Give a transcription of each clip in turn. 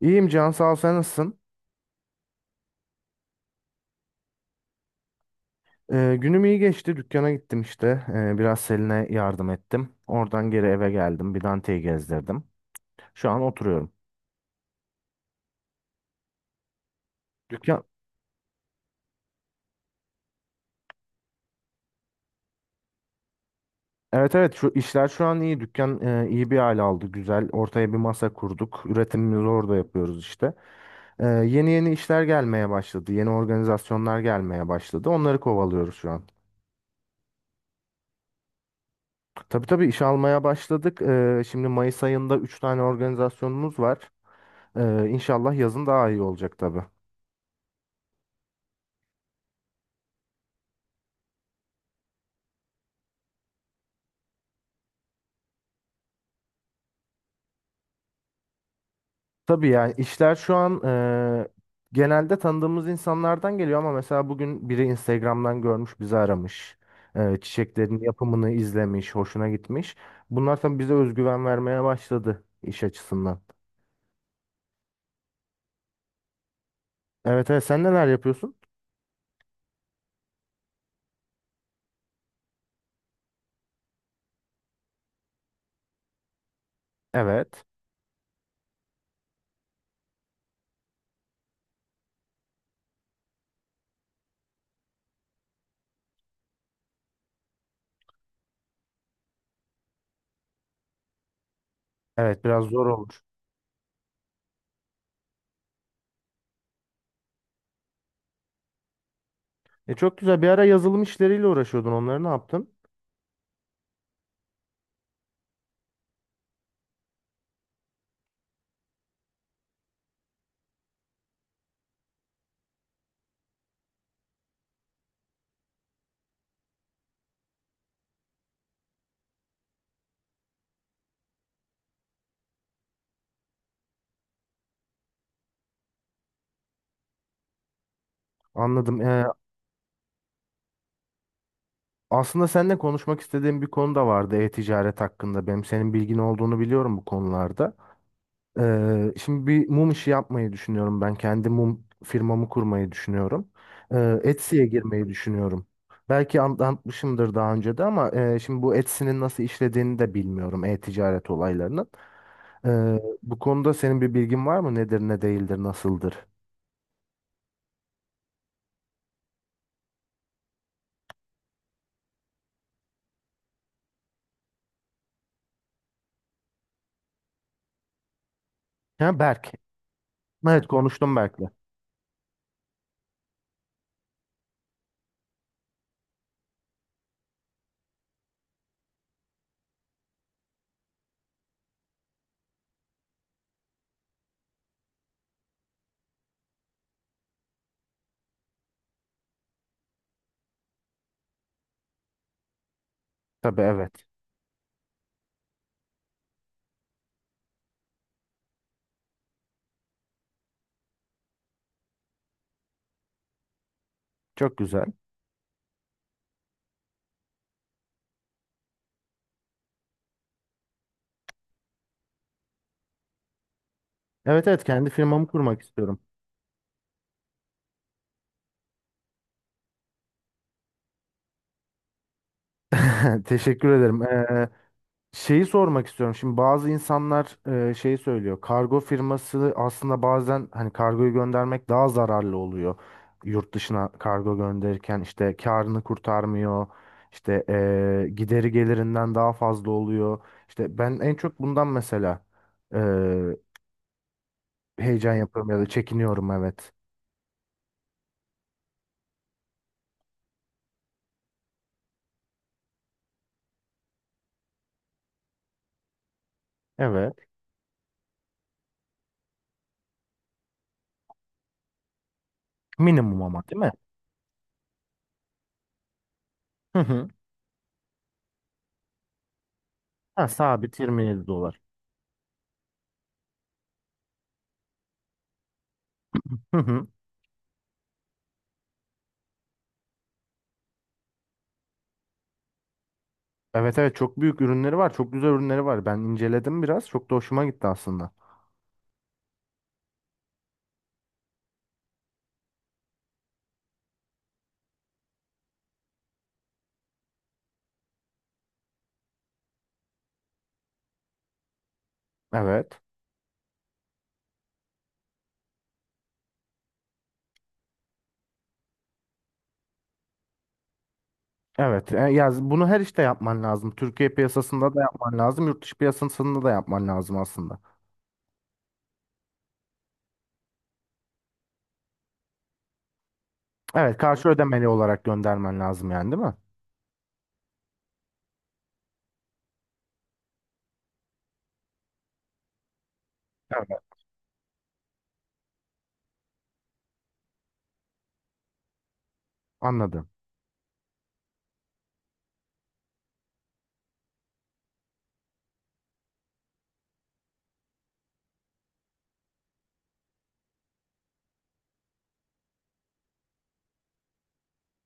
İyiyim Can, sağ ol, sen nasılsın? Günüm iyi geçti, dükkana gittim işte. Biraz Selin'e yardım ettim. Oradan geri eve geldim, bir Dante'yi gezdirdim. Şu an oturuyorum. Dükkan, evet evet, şu işler şu an iyi, dükkan iyi bir hale aldı, güzel. Ortaya bir masa kurduk. Üretimimizi orada yapıyoruz işte. Yeni yeni işler gelmeye başladı, yeni organizasyonlar gelmeye başladı, onları kovalıyoruz şu an. Tabii tabii, iş almaya başladık. Şimdi Mayıs ayında 3 tane organizasyonumuz var. İnşallah yazın daha iyi olacak tabii. Tabii, yani işler şu an genelde tanıdığımız insanlardan geliyor, ama mesela bugün biri Instagram'dan görmüş, bizi aramış. Çiçeklerin yapımını izlemiş, hoşuna gitmiş. Bunlar tabii bize özgüven vermeye başladı iş açısından. Evet evet, sen neler yapıyorsun? Evet. Evet, biraz zor olur. Çok güzel bir ara yazılım işleriyle uğraşıyordun, onları ne yaptın? Anladım. Aslında seninle konuşmak istediğim bir konu da vardı, e-ticaret hakkında. Benim senin bilgin olduğunu biliyorum bu konularda. Şimdi bir mum işi yapmayı düşünüyorum ben. Kendi mum firmamı kurmayı düşünüyorum. Etsy'ye girmeyi düşünüyorum. Belki anlatmışımdır daha önce de, ama şimdi bu Etsy'nin nasıl işlediğini de bilmiyorum. E-ticaret olaylarının. Bu konuda senin bir bilgin var mı? Nedir, ne değildir, nasıldır? Ha, Berk. Evet, konuştum Berk'le. Tabii, evet. Çok güzel. Evet evet, kendi firmamı kurmak istiyorum. Teşekkür ederim. Şeyi sormak istiyorum. Şimdi bazı insanlar şey söylüyor. Kargo firması aslında bazen, hani, kargoyu göndermek daha zararlı oluyor. Yurt dışına kargo gönderirken işte karını kurtarmıyor. İşte gideri gelirinden daha fazla oluyor. İşte ben en çok bundan mesela e, heyecan yapıyorum ya da çekiniyorum, evet. Evet. Minimum ama değil mi? Hı hı. Ha, sabit 27 dolar. Hı hı. Evet evet, çok büyük ürünleri var. Çok güzel ürünleri var. Ben inceledim biraz. Çok da hoşuma gitti aslında. Evet. Evet. Ya bunu her işte yapman lazım. Türkiye piyasasında da yapman lazım. Yurt dışı piyasasında da yapman lazım aslında. Evet, karşı ödemeli olarak göndermen lazım yani, değil mi? Evet. Anladım.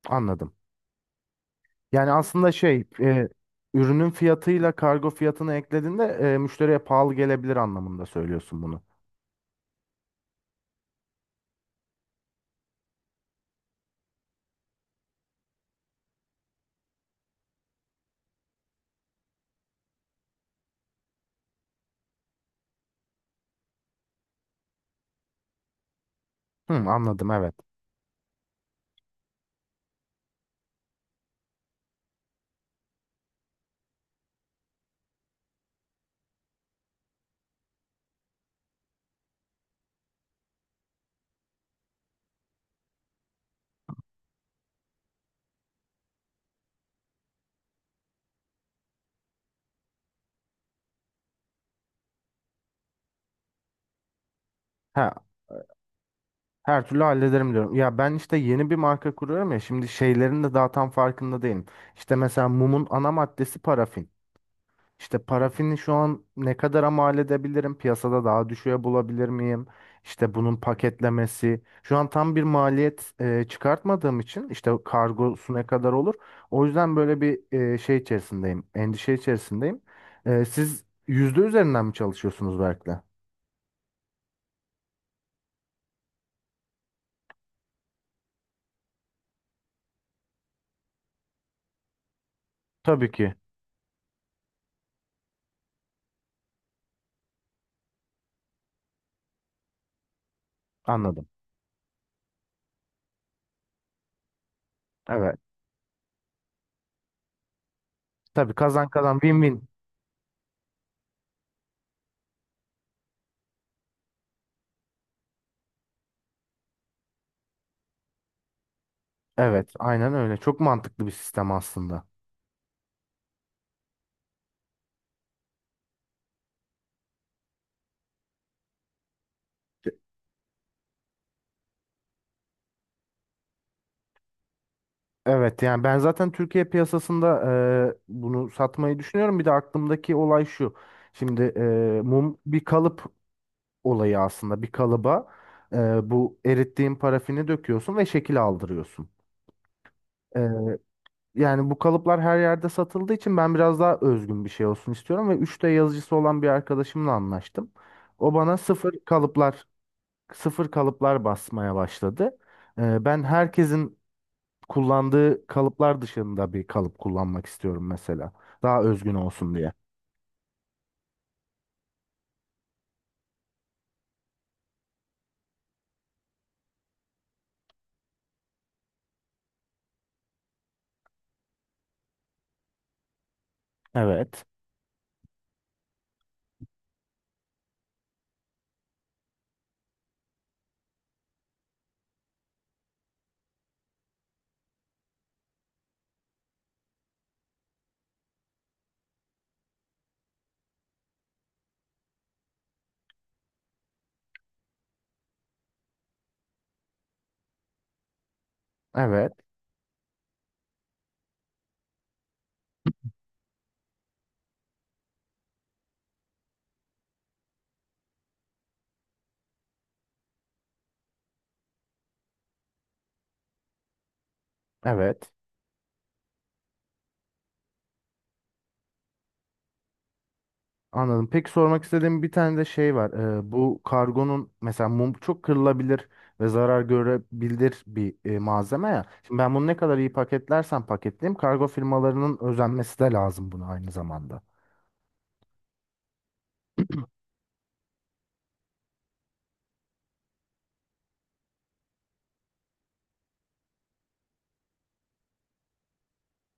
Anladım. Yani aslında şey, ürünün fiyatıyla kargo fiyatını eklediğinde müşteriye pahalı gelebilir anlamında söylüyorsun bunu. Hı, anladım, evet. Ha, her türlü hallederim diyorum. Ya ben işte yeni bir marka kuruyorum ya, şimdi şeylerin de daha tam farkında değilim. İşte mesela mumun ana maddesi parafin. İşte parafini şu an ne kadara mal edebilirim? Piyasada daha düşüğe bulabilir miyim? İşte bunun paketlemesi. Şu an tam bir maliyet çıkartmadığım için, işte kargosu ne kadar olur? O yüzden böyle bir şey içerisindeyim. Endişe içerisindeyim. Siz yüzde üzerinden mi çalışıyorsunuz Berk'le? Tabii ki. Anladım. Evet. Tabii, kazan kazan, win win. Evet, aynen öyle. Çok mantıklı bir sistem aslında. Evet, yani ben zaten Türkiye piyasasında bunu satmayı düşünüyorum. Bir de aklımdaki olay şu. Şimdi mum bir kalıp olayı aslında. Bir kalıba bu erittiğin parafini döküyorsun ve şekil aldırıyorsun. E, Yani bu kalıplar her yerde satıldığı için ben biraz daha özgün bir şey olsun istiyorum. Ve 3D yazıcısı olan bir arkadaşımla anlaştım. O bana sıfır kalıplar basmaya başladı. Ben herkesin kullandığı kalıplar dışında bir kalıp kullanmak istiyorum mesela. Daha özgün olsun diye. Evet. Evet. Evet. Anladım. Peki, sormak istediğim bir tane de şey var. Bu kargonun mesela, mum çok kırılabilir ve zarar görebilir bir malzeme ya. Şimdi ben bunu ne kadar iyi paketlersem paketleyeyim, kargo firmalarının özenmesi de lazım buna aynı zamanda.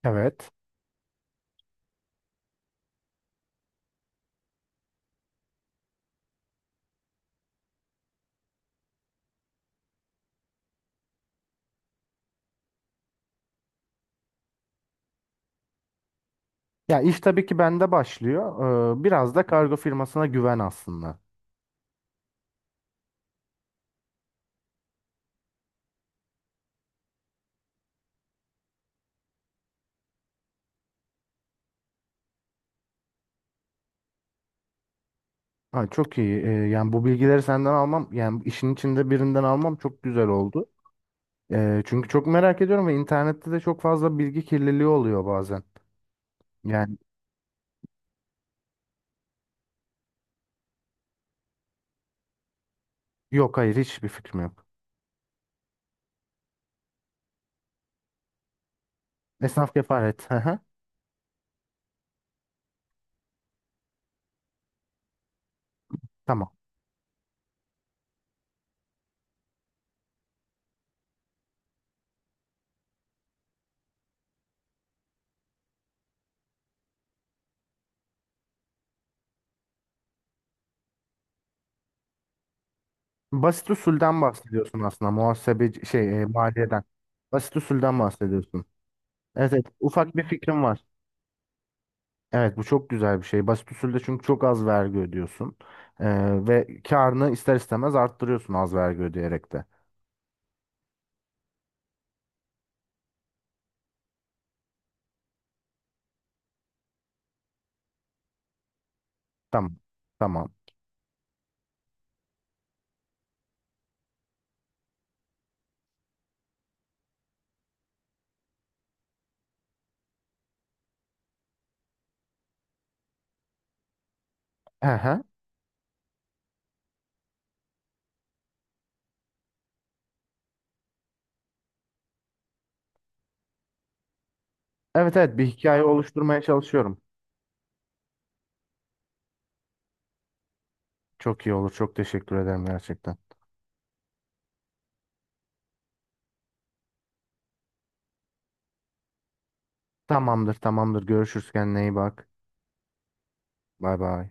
Evet. Ya iş tabii ki bende başlıyor. Biraz da kargo firmasına güven aslında. Ha, çok iyi. Yani bu bilgileri senden almam, yani işin içinde birinden almam çok güzel oldu. Çünkü çok merak ediyorum ve internette de çok fazla bilgi kirliliği oluyor bazen. Yani yok, hayır, hiçbir fikrim yok. Esnaf kefaret. Hı hı. Tamam. Basit usulden bahsediyorsun aslında. Muhasebe şey maliyeden. Basit usulden bahsediyorsun. Evet, evet, ufak bir fikrim var. Evet, bu çok güzel bir şey. Basit usulde çünkü çok az vergi ödüyorsun. Ve karını ister istemez arttırıyorsun az vergi ödeyerek de. Tamam. Tamam. Hı hı. Evet evet, bir hikaye oluşturmaya çalışıyorum. Çok iyi olur. Çok teşekkür ederim gerçekten. Tamamdır, tamamdır. Görüşürüz, kendine iyi bak. Bay bay.